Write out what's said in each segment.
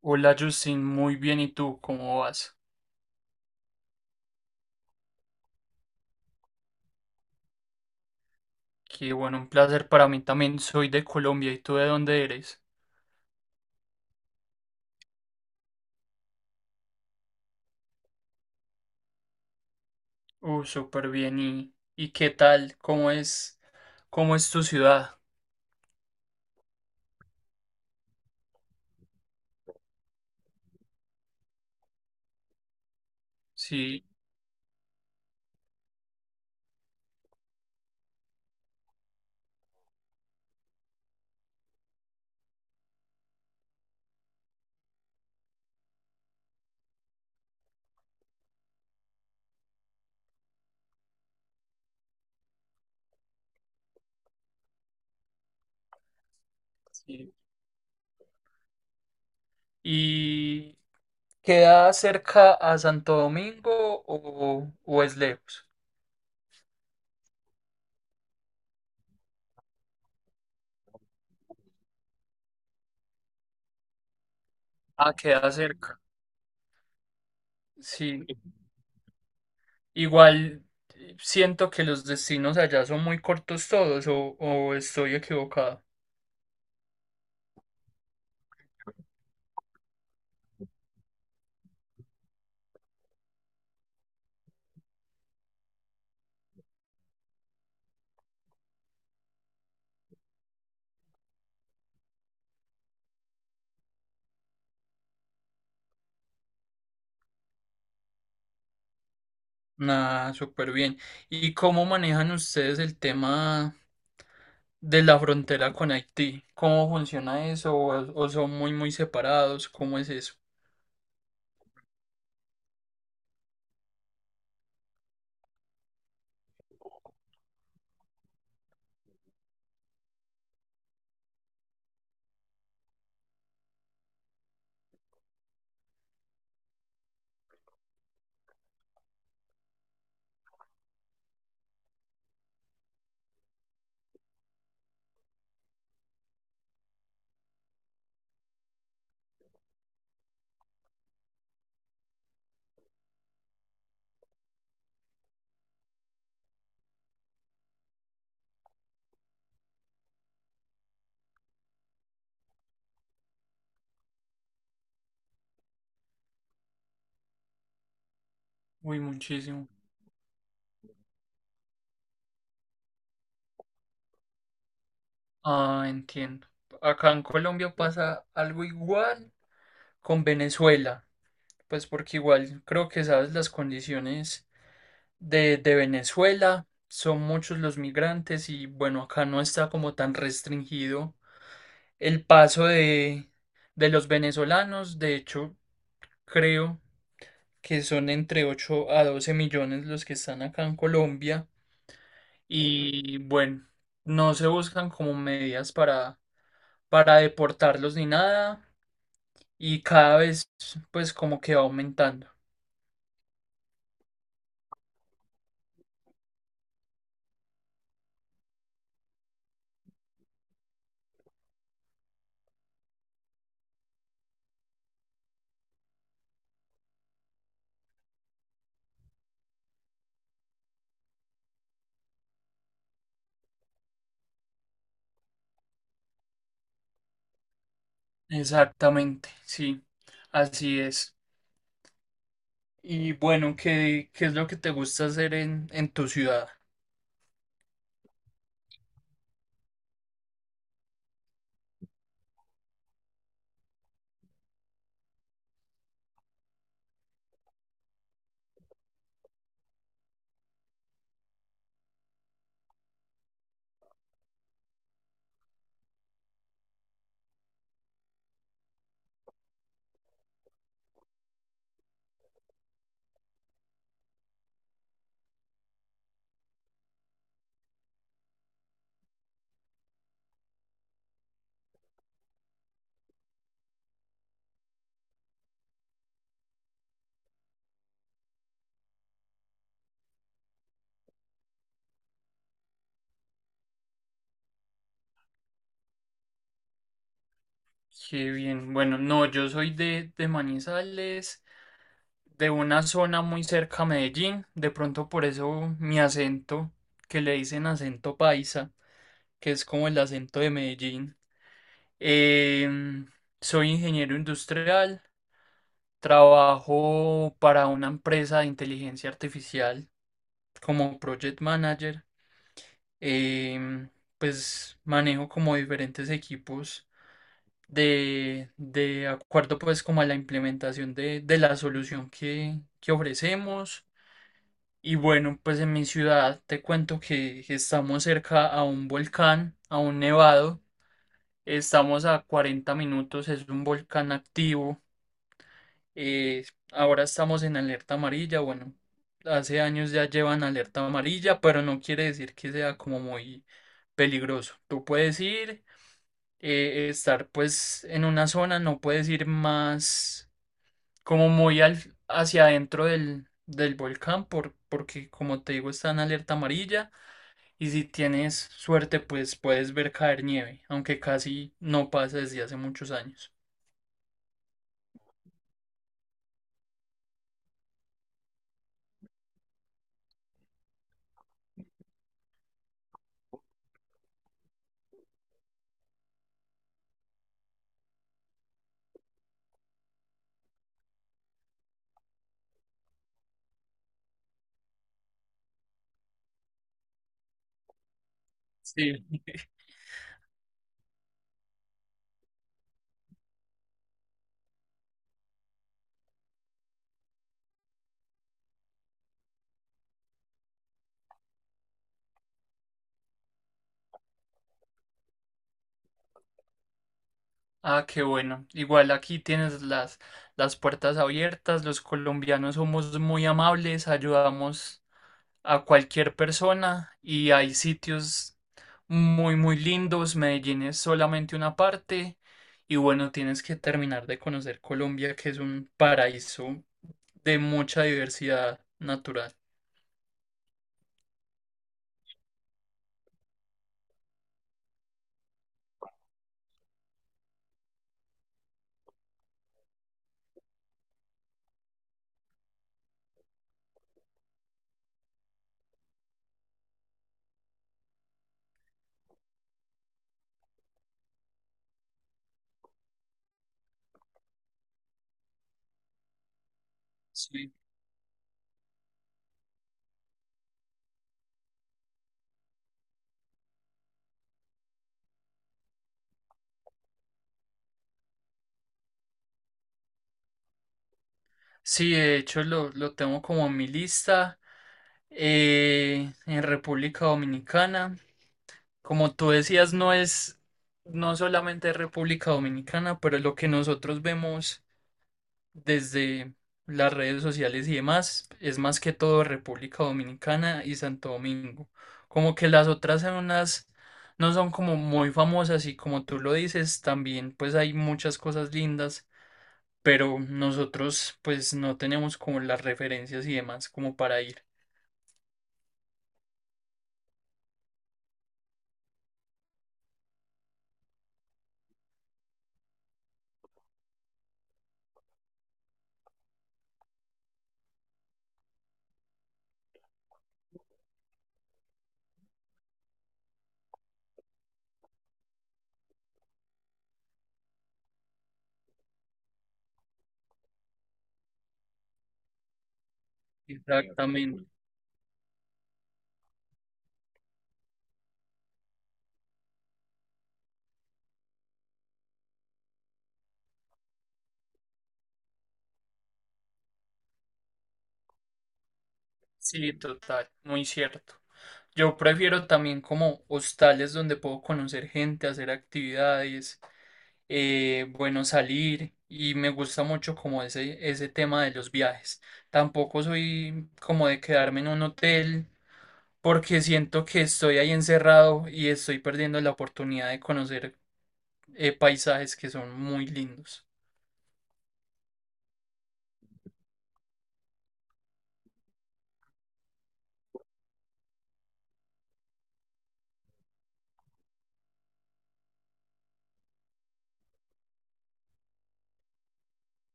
Hola Justin, muy bien. ¿Y tú cómo vas? Qué bueno, un placer para mí también. Soy de Colombia. ¿Y tú de dónde eres? Súper bien. ¿Y qué tal? Cómo es tu ciudad? Sí, sí. ¿Y queda cerca a Santo Domingo o es lejos? Ah, queda cerca. Sí. Igual siento que los destinos allá son muy cortos todos o estoy equivocado. Nada, súper bien. ¿Y cómo manejan ustedes el tema de la frontera con Haití? ¿Cómo funciona eso? ¿O son muy separados? ¿Cómo es eso? Uy, muchísimo. Ah, entiendo. Acá en Colombia pasa algo igual con Venezuela, pues porque igual creo que sabes las condiciones de Venezuela, son muchos los migrantes y bueno, acá no está como tan restringido el paso de los venezolanos, de hecho. Creo que son entre 8 a 12 millones los que están acá en Colombia y bueno, no se buscan como medidas para deportarlos ni nada y cada vez pues como que va aumentando. Exactamente, sí, así es. Y bueno, ¿qué es lo que te gusta hacer en tu ciudad? Qué bien, bueno, no, yo soy de Manizales, de una zona muy cerca a Medellín, de pronto por eso mi acento, que le dicen acento paisa, que es como el acento de Medellín. Em, Soy ingeniero industrial, trabajo para una empresa de inteligencia artificial como project manager. Em, pues manejo como diferentes equipos de acuerdo pues como a la implementación de la solución que ofrecemos. Y bueno, pues en mi ciudad te cuento que estamos cerca a un volcán, a un nevado. Estamos a 40 minutos, es un volcán activo. eh, Ahora estamos en alerta amarilla. Bueno, hace años ya llevan alerta amarilla, pero no quiere decir que sea como muy peligroso. Tú puedes ir, estar pues en una zona, no puedes ir más como hacia adentro del volcán porque como te digo está en alerta amarilla. Y si tienes suerte, pues puedes ver caer nieve, aunque casi no pasa desde hace muchos años. Sí. Ah, qué bueno. Igual aquí tienes las puertas abiertas. Los colombianos somos muy amables, ayudamos a cualquier persona y hay sitios muy lindos. Medellín es solamente una parte. Y bueno, tienes que terminar de conocer Colombia, que es un paraíso de mucha diversidad natural. Sí. Sí, de hecho lo tengo como en mi lista en República Dominicana. Como tú decías, no solamente República Dominicana, pero lo que nosotros vemos desde las redes sociales y demás es más que todo República Dominicana y Santo Domingo. Como que las otras zonas no son como muy famosas y como tú lo dices, también pues hay muchas cosas lindas, pero nosotros pues no teníamos como las referencias y demás como para ir. Exactamente. Sí, total, muy cierto. Yo prefiero también como hostales donde puedo conocer gente, hacer actividades, bueno, salir y me gusta mucho como ese tema de los viajes. Tampoco soy como de quedarme en un hotel porque siento que estoy ahí encerrado y estoy perdiendo la oportunidad de conocer paisajes que son muy lindos.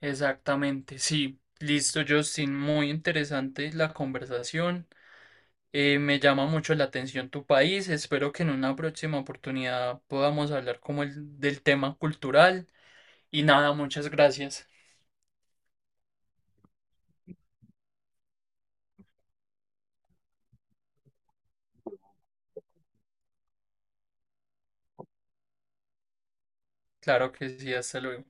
Exactamente, sí. Listo, Justin. Muy interesante la conversación. Me llama mucho la atención tu país. Espero que en una próxima oportunidad podamos hablar como el del tema cultural. Y nada, muchas gracias. Claro que sí, hasta luego.